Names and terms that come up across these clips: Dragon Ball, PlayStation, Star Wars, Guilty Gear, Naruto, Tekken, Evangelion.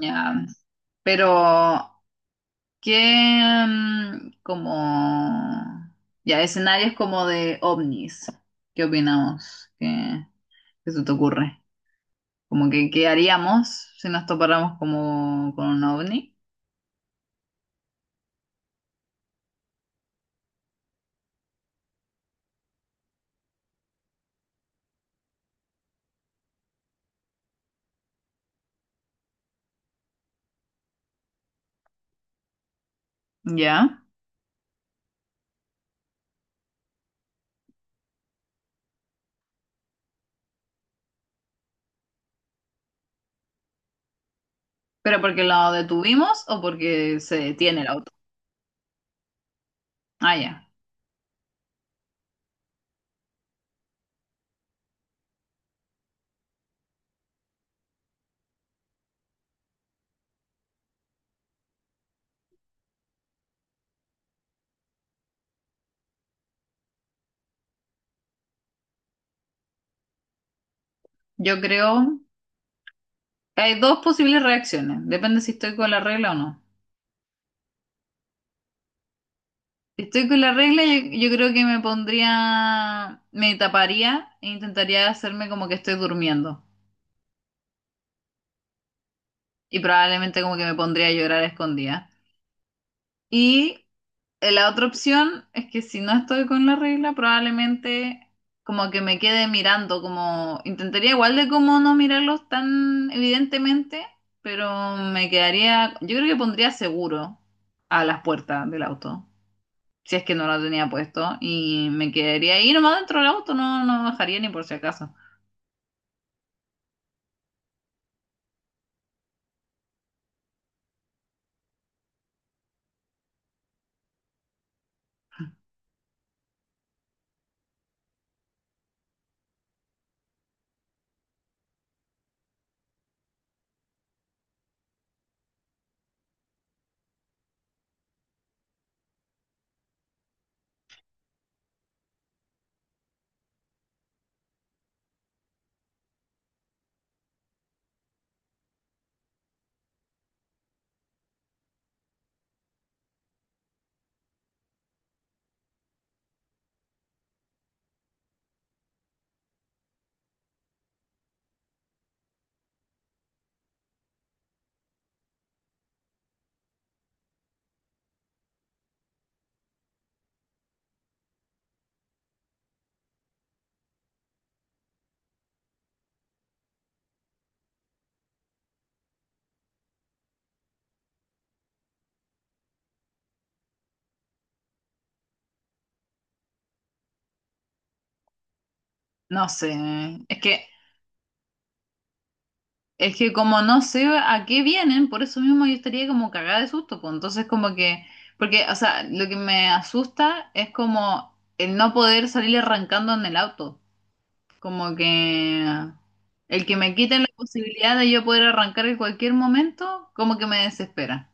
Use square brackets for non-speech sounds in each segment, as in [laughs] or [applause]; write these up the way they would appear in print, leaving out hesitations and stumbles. Ya. Pero, ¿qué como ya escenarios como de ovnis? ¿Qué opinamos? ¿Qué, qué se te ocurre? Como que, ¿qué haríamos si nos topáramos como con un ovni? ¿Ya? ¿Pero porque lo detuvimos o porque se detiene el auto? Ah, ya. Yo creo que hay dos posibles reacciones. Depende si estoy con la regla o no. Estoy con la regla, yo creo que me pondría, me taparía e intentaría hacerme como que estoy durmiendo. Y probablemente como que me pondría a llorar a escondida. Y la otra opción es que si no estoy con la regla, probablemente como que me quede mirando, como intentaría igual de como no mirarlos tan evidentemente, pero me quedaría, yo creo que pondría seguro a las puertas del auto, si es que no lo tenía puesto, y me quedaría ahí nomás dentro del auto, no, no bajaría ni por si acaso. No sé, es que, es que como no sé a qué vienen, por eso mismo yo estaría como cagada de susto, pues entonces como que, porque, o sea, lo que me asusta es como el no poder salir arrancando en el auto, como que el que me quiten la posibilidad de yo poder arrancar en cualquier momento, como que me desespera.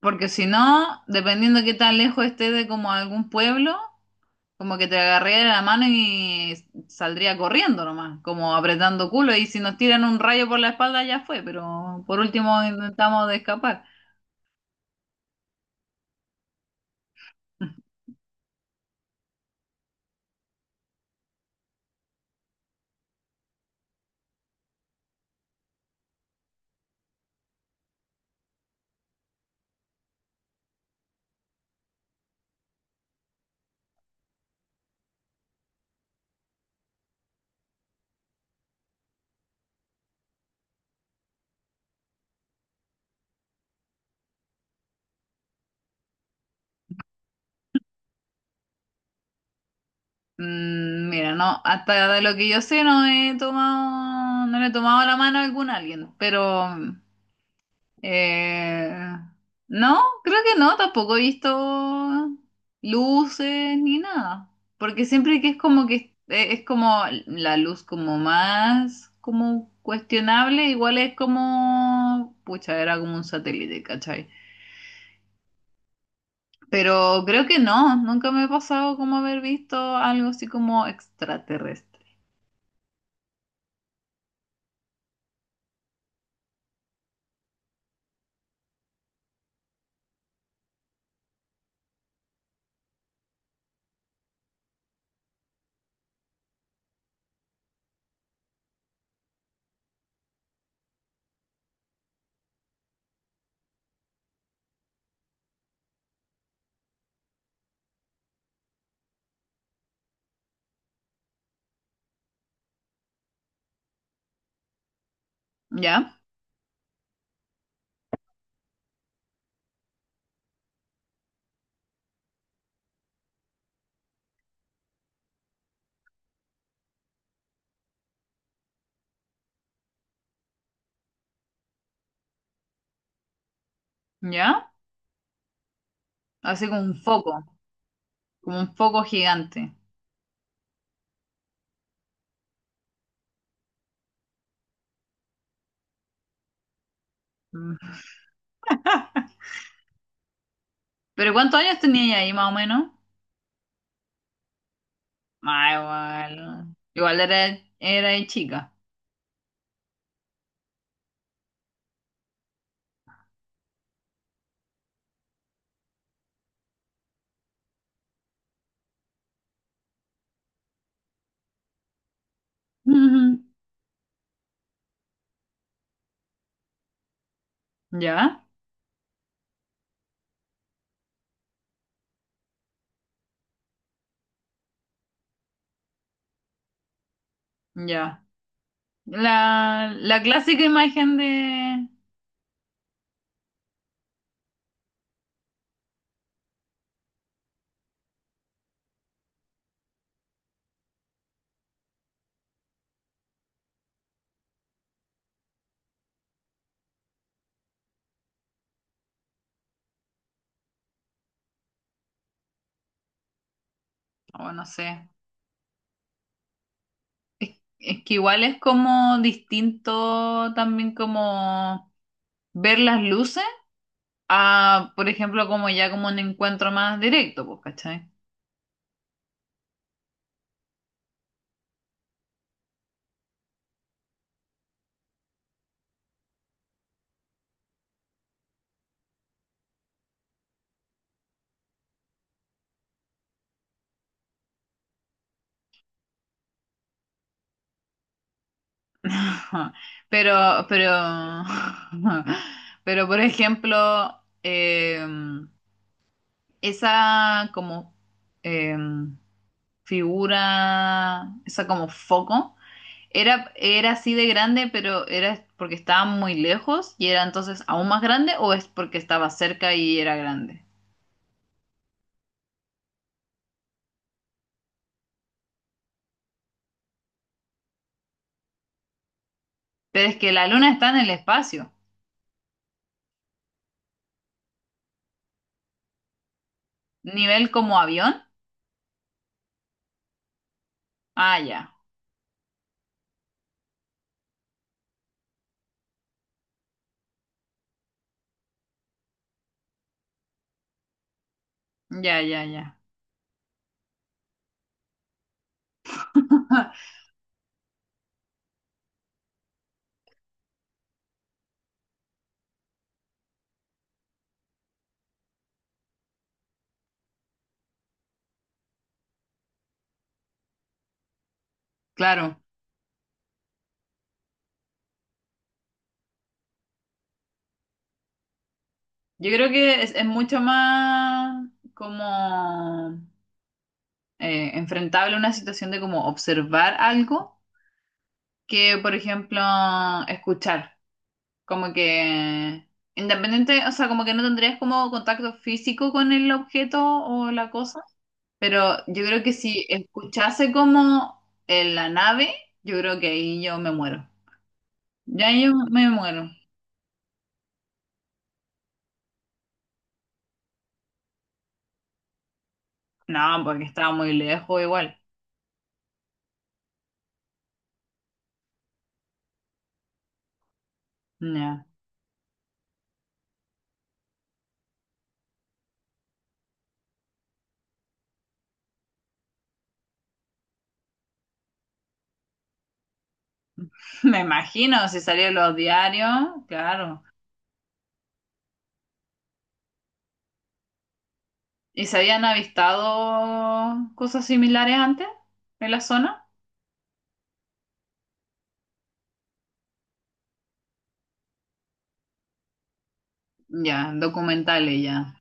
Porque si no, dependiendo qué tan lejos esté de como algún pueblo, como que te agarraría la mano y saldría corriendo nomás, como apretando culo. Y si nos tiran un rayo por la espalda ya fue, pero por último intentamos de escapar. [laughs] Mm, mira, no, hasta de lo que yo sé no he tomado, no le he tomado la mano a algún alguien, pero Eh, no, creo que no, tampoco he visto luces ni nada, porque siempre que es como la luz como más como cuestionable, igual es como, pucha, era como un satélite, ¿cachai? Pero creo que no, nunca me ha pasado como haber visto algo así como extraterrestre. ¿Ya? ¿Ya? Así como un foco gigante. Mm. ¿Pero cuántos años tenía ahí más o menos? Ah, igual. Igual era, era de chica. Ujú. Ya, ya. La clásica imagen de. Oh, no sé. Es que igual es como distinto también como ver las luces a, por ejemplo, como ya como un encuentro más directo, pues, ¿cachai? [laughs] Pero, pero, [laughs] pero, por ejemplo, esa como. em, figura, esa como foco, era, era así de grande, pero era porque estaba muy lejos y era entonces aún más grande o es porque estaba cerca y era grande. Pero es que la luna está en el espacio, nivel como avión. Ah, ya, ya, ya, ya. [laughs] Claro, yo creo que es mucho más como enfrentable una situación de como observar algo que, por ejemplo, escuchar. Como que independiente, o sea, como que no tendrías como contacto físico con el objeto o la cosa, pero yo creo que si escuchase como en la nave, yo creo que ahí yo me muero. Ya yo me muero. No, porque estaba muy lejos igual. Ya. [laughs] Me imagino si salieron los diarios, claro. ¿Y se habían avistado cosas similares antes en la zona? Ya, documentales ya.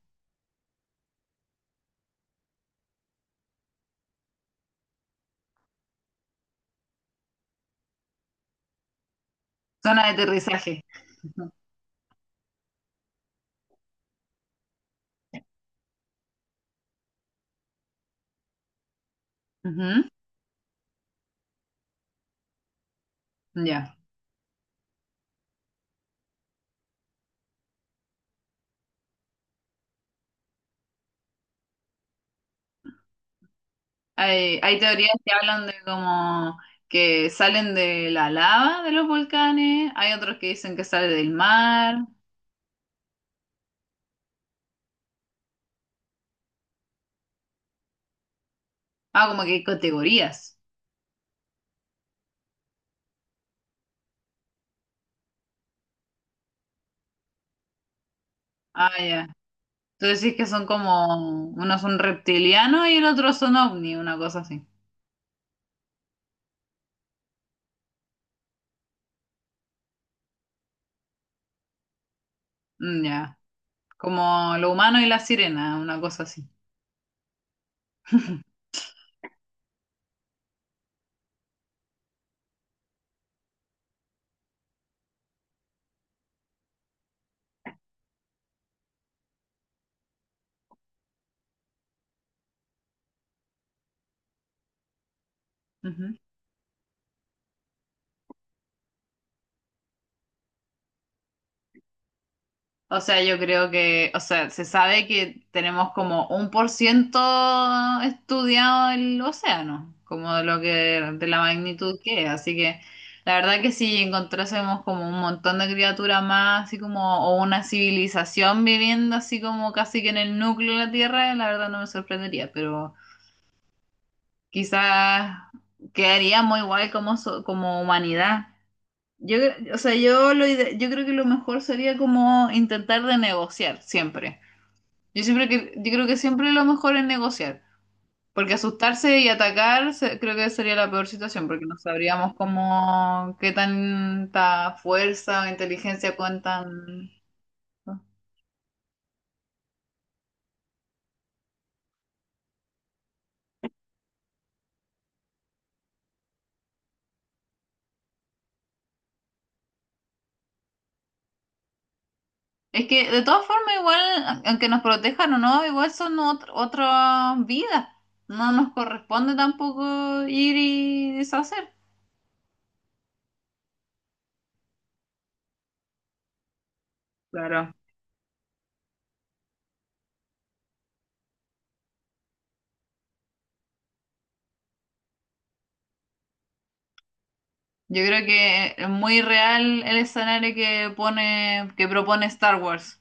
Zona de aterrizaje. Ujú. Ya. Hay teorías que hablan de como que salen de la lava de los volcanes, hay otros que dicen que sale del mar. Ah, como que hay categorías. Ah, ya. Tú decís que son como, unos son reptilianos y el otro son ovni, una cosa así. Mm, ya. Como lo humano y la sirena, una cosa así. Ujú. O sea, yo creo que, o sea, se sabe que tenemos como un por ciento estudiado el océano, como de lo que, de la magnitud que es. Así que la verdad que si encontrásemos como un montón de criaturas más, así como, o una civilización viviendo así como casi que en el núcleo de la Tierra, la verdad no me sorprendería, pero quizás quedaríamos igual como, so- como humanidad. Yo, cre- o sea, yo, lo, ide- yo creo que lo mejor sería como intentar de negociar siempre. Yo siempre que, yo creo que siempre lo mejor es negociar, porque asustarse y atacar se- creo que sería la peor situación, porque no sabríamos cómo, qué tanta fuerza o inteligencia cuentan. ¿No? Es que de todas formas igual, a- aunque nos protejan o no, igual son ot- otras vidas. No nos corresponde tampoco ir y deshacer. Claro. Yo creo que es muy real el escenario que pone, que propone Star Wars.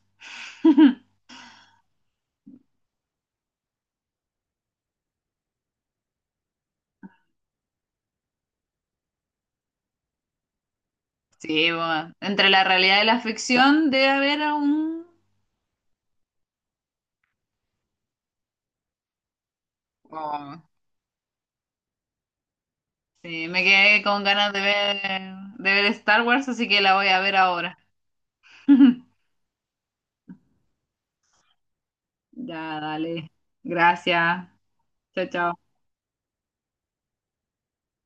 Sí, bueno, entre la realidad y la ficción debe haber aún... Oh, sí, me quedé con ganas de ver Star Wars, así que la voy a ver ahora. [laughs] Ya, dale. Gracias. Chao, chao.